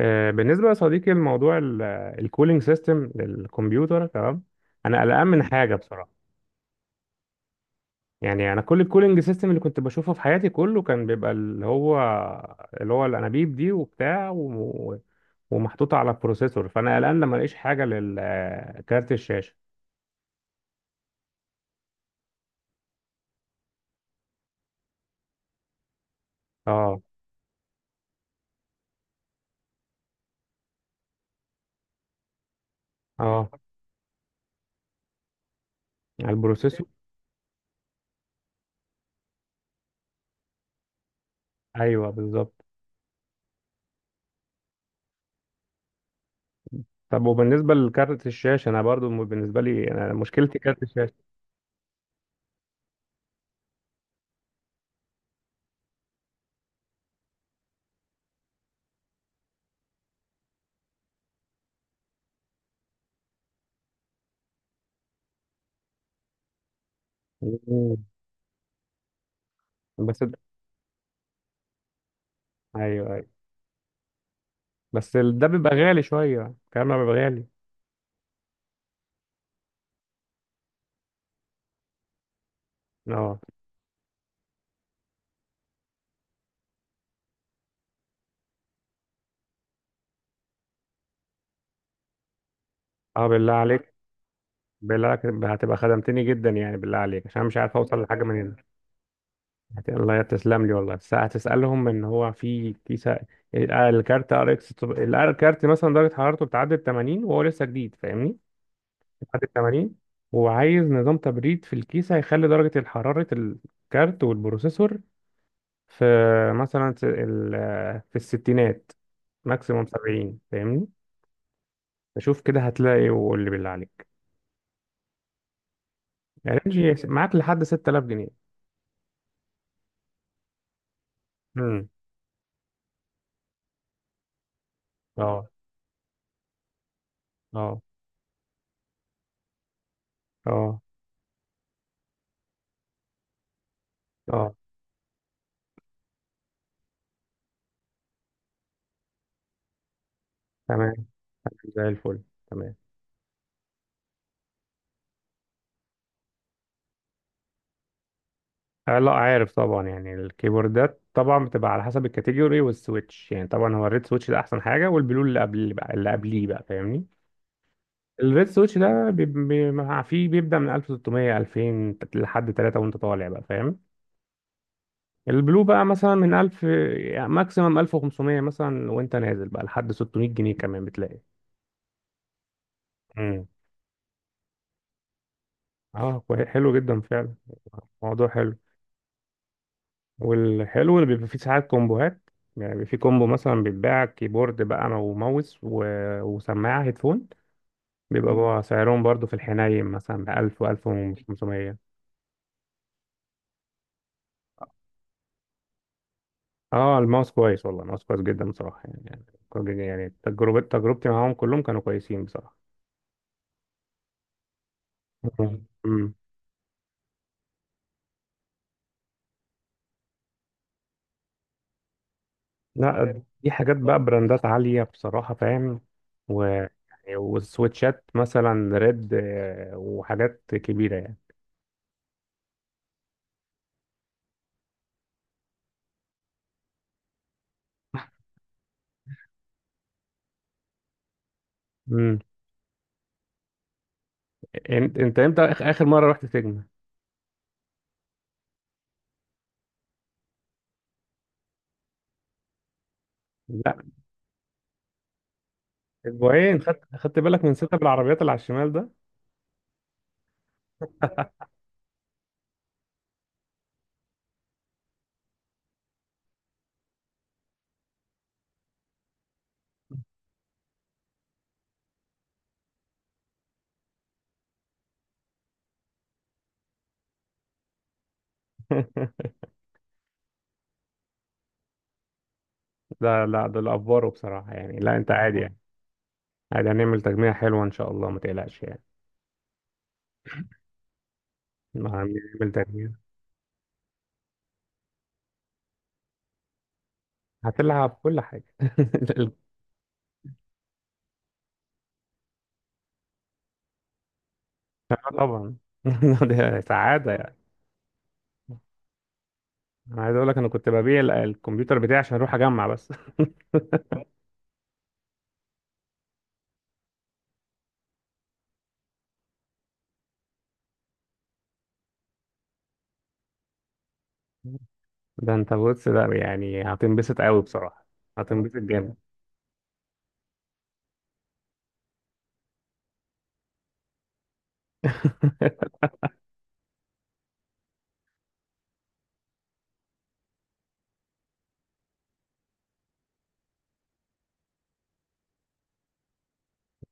بالنسبة يا صديقي لموضوع الكولينج سيستم للكمبيوتر. تمام، أنا قلقان من حاجة بصراحة. يعني أنا كل الكولينج سيستم اللي كنت بشوفه في حياتي كله كان بيبقى اللي هو الأنابيب دي وبتاع ومحطوطة على البروسيسور، فأنا قلقان لما ألاقيش حاجة للكارت الشاشة. اه. اه، على البروسيسور. أيوه بالظبط. طب وبالنسبة لكارت الشاشة، أنا برضو بالنسبة لي أنا مشكلتي كارت الشاشة. مم. بس، أيوه أيوه. بس ده بيبقى غالي شوية، كلامنا بيبقى غالي. اه. اه بالله عليك. بالله عليك هتبقى خدمتني جدا يعني، بالله عليك عشان مش عارف اوصل لحاجة من هنا. الله تسلم لي والله، بس هتسألهم ان هو في كيسة الكارت ار اكس، الكارت مثلا درجة حرارته بتعدي ال 80 وهو لسه جديد، فاهمني؟ بتعدي ال 80، وعايز نظام تبريد في الكيسة يخلي درجة حرارة الكارت والبروسيسور في مثلا في الستينات، ماكسيموم 70، فاهمني؟ فشوف كده هتلاقي، واللي بالله عليك. رينج معاك لحد 6000 جنيه. امم. اه. اه. اه. اه. تمام، زي الفل. تمام. آه لا عارف طبعا، يعني الكيبوردات طبعا بتبقى على حسب الكاتيجوري والسويتش. يعني طبعا هو الريد سويتش ده احسن حاجه، والبلو اللي اللي قبليه بقى، فاهمني؟ الريد سويتش ده فيه بيبدا من 1600، 2000، لحد 3 وانت طالع بقى، فاهم؟ البلو بقى مثلا من 1000، يعني ماكسيمم 1500 مثلا، وانت نازل بقى لحد 600 جنيه كمان بتلاقي. امم. اه حلو جدا فعلا، موضوع حلو. والحلو اللي بيبقى فيه ساعات كومبوهات، يعني بيبقى فيه كومبو مثلا بيتباع كيبورد بقى وماوس وسماعة هيدفون. بيبقى بقى سعرهم برضو في الحنين مثلا ب 1000 و 1500. اه الماوس كويس، والله الماوس كويس جدا بصراحة يعني يعني تجربة تجربتي معاهم كلهم كانوا كويسين بصراحة. مم. لا دي حاجات بقى براندات عالية بصراحة، فاهم؟ يعني والسويتشات مثلا ريد وحاجات كبيرة يعني. امم. انت امتى اخر مرة رحت فيجما؟ لا، اسبوعين. خدت بالك من سيت بالعربيات اللي على الشمال ده؟ ده لا، ده الافبارو بصراحة يعني. لا انت عادي يعني، عادي هنعمل تجميع حلوة ان شاء الله، ما تقلقش يعني. ما هنعمل تجميع. هتلعب كل حاجة. ال- طبعا. ده سعادة يعني. انا عايز اقول لك انا كنت ببيع الكمبيوتر بتاعي عشان اروح اجمع بس. ده انت بص، ده يعني هتنبسط قوي بصراحة. هتنبسط جامد.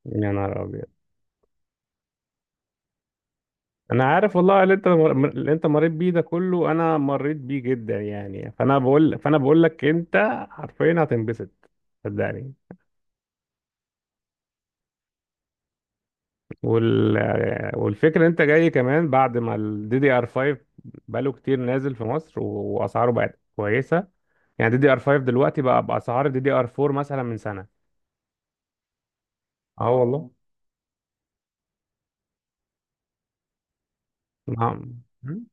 يا نهار ابيض. انا عارف والله، اللي انت مريت بيه ده كله انا مريت بيه جدا يعني، فانا بقول لك انت حرفيا هتنبسط، صدقني. وال والفكره إن انت جاي كمان بعد ما الدي دي ار 5 بقاله كتير نازل في مصر واسعاره بقت كويسه. يعني دي دي ار 5 دلوقتي بقى باسعار دي دي ار 4 مثلا من سنه. اه والله. نعم. مم.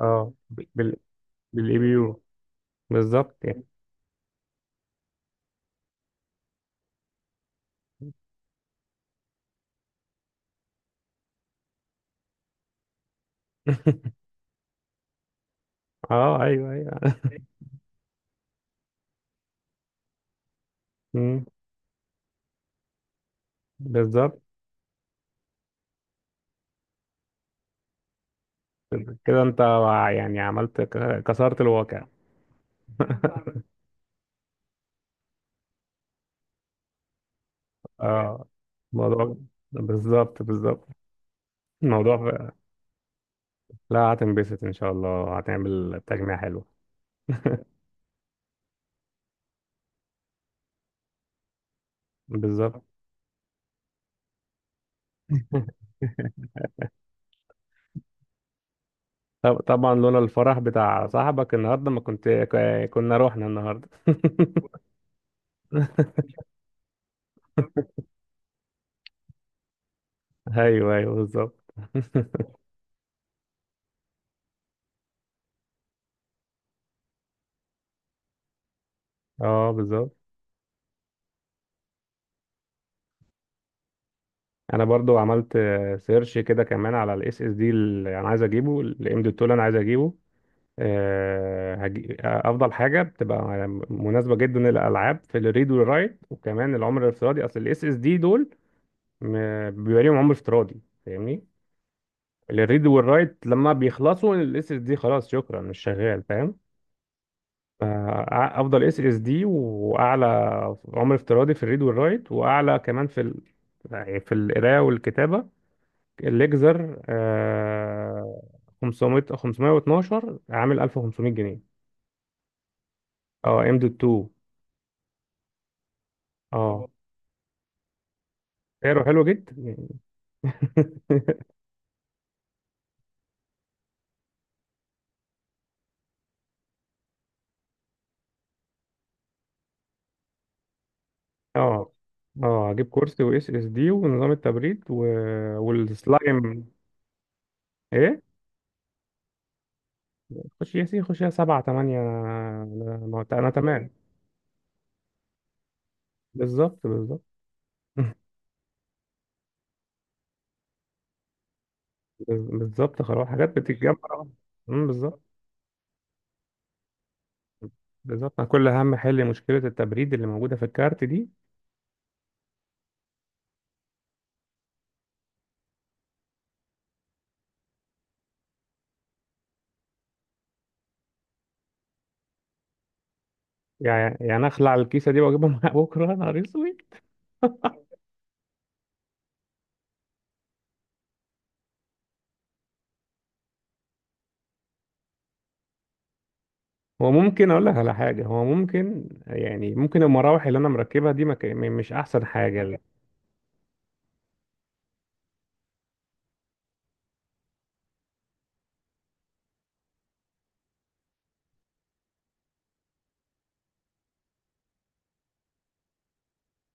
اه بالاي بي يو، بالظبط يعني. اه ايوه ايوه. مم. بالظبط. كده انت يعني عملت كسرت الواقع. اه، موضوع. بالظبط بالظبط، الموضوع. لا هتنبسط ان شاء الله، هتعمل تجميع حلو. بالظبط. طبعا لولا الفرح بتاع صاحبك النهارده ما كنت كنا رحنا النهارده. ايوه ايوه بالظبط. اه بالظبط. انا برضو عملت سيرش كده كمان على الاس اس دي اللي انا عايز اجيبه، الام دوت اللي انا عايز اجيبه. افضل حاجه بتبقى مناسبه جدا للالعاب في الريد والرايت، وكمان العمر الافتراضي. اصل الاس اس دي دول بيبقى ليهم عمر افتراضي، فاهمني؟ الريد والرايت لما بيخلصوا الاس اس دي خلاص شكرا مش شغال، فاهم؟ افضل اس اس دي، واعلى عمر افتراضي في الريد والرايت، واعلى كمان يعني في القراءه والكتابه. الليكزر آه 500، 512، عامل 1500 جنيه. اه ام دوت 2. اه. اه سعره حلو جدا يعني. اه. اه هجيب كرسي واس اس دي ونظام التبريد والسلايم. ايه، خش يا سي، خش يا سبعة تمانية، انا ما أنت- أنا تمام. بالظبط بالظبط. بالظبط خلاص، حاجات بتتجمع أه. أمم، بالظبط. بالظبط أنا كل اهم حل مشكلة التبريد اللي موجودة في الكارت دي. يعني اخلع الكيسه دي واجيبها معايا بكره، يا نهار اسود. هو ممكن اقول لك على حاجه، هو ممكن يعني، ممكن المراوح اللي انا مركبها دي ما مش احسن حاجه لا.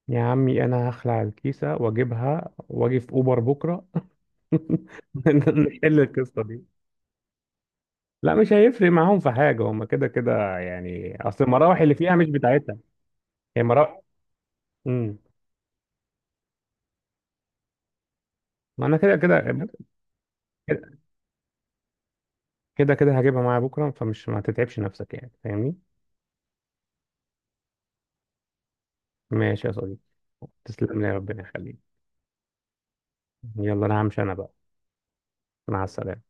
يا عمي انا هخلع الكيسه واجيبها واجي في اوبر بكره. نحل القصه دي. لا مش هيفرق معاهم في حاجه، هما كده كده يعني، اصل المراوح اللي فيها مش بتاعتها. هي مراوح. امم. ما انا كده كده. كده كده هجيبها معايا بكره، فمش ما تتعبش نفسك يعني، فاهمني؟ ماشي يا صديقي، تسلم لي ربنا يخليك. يلا انا همشي انا بقى. مع السلامة.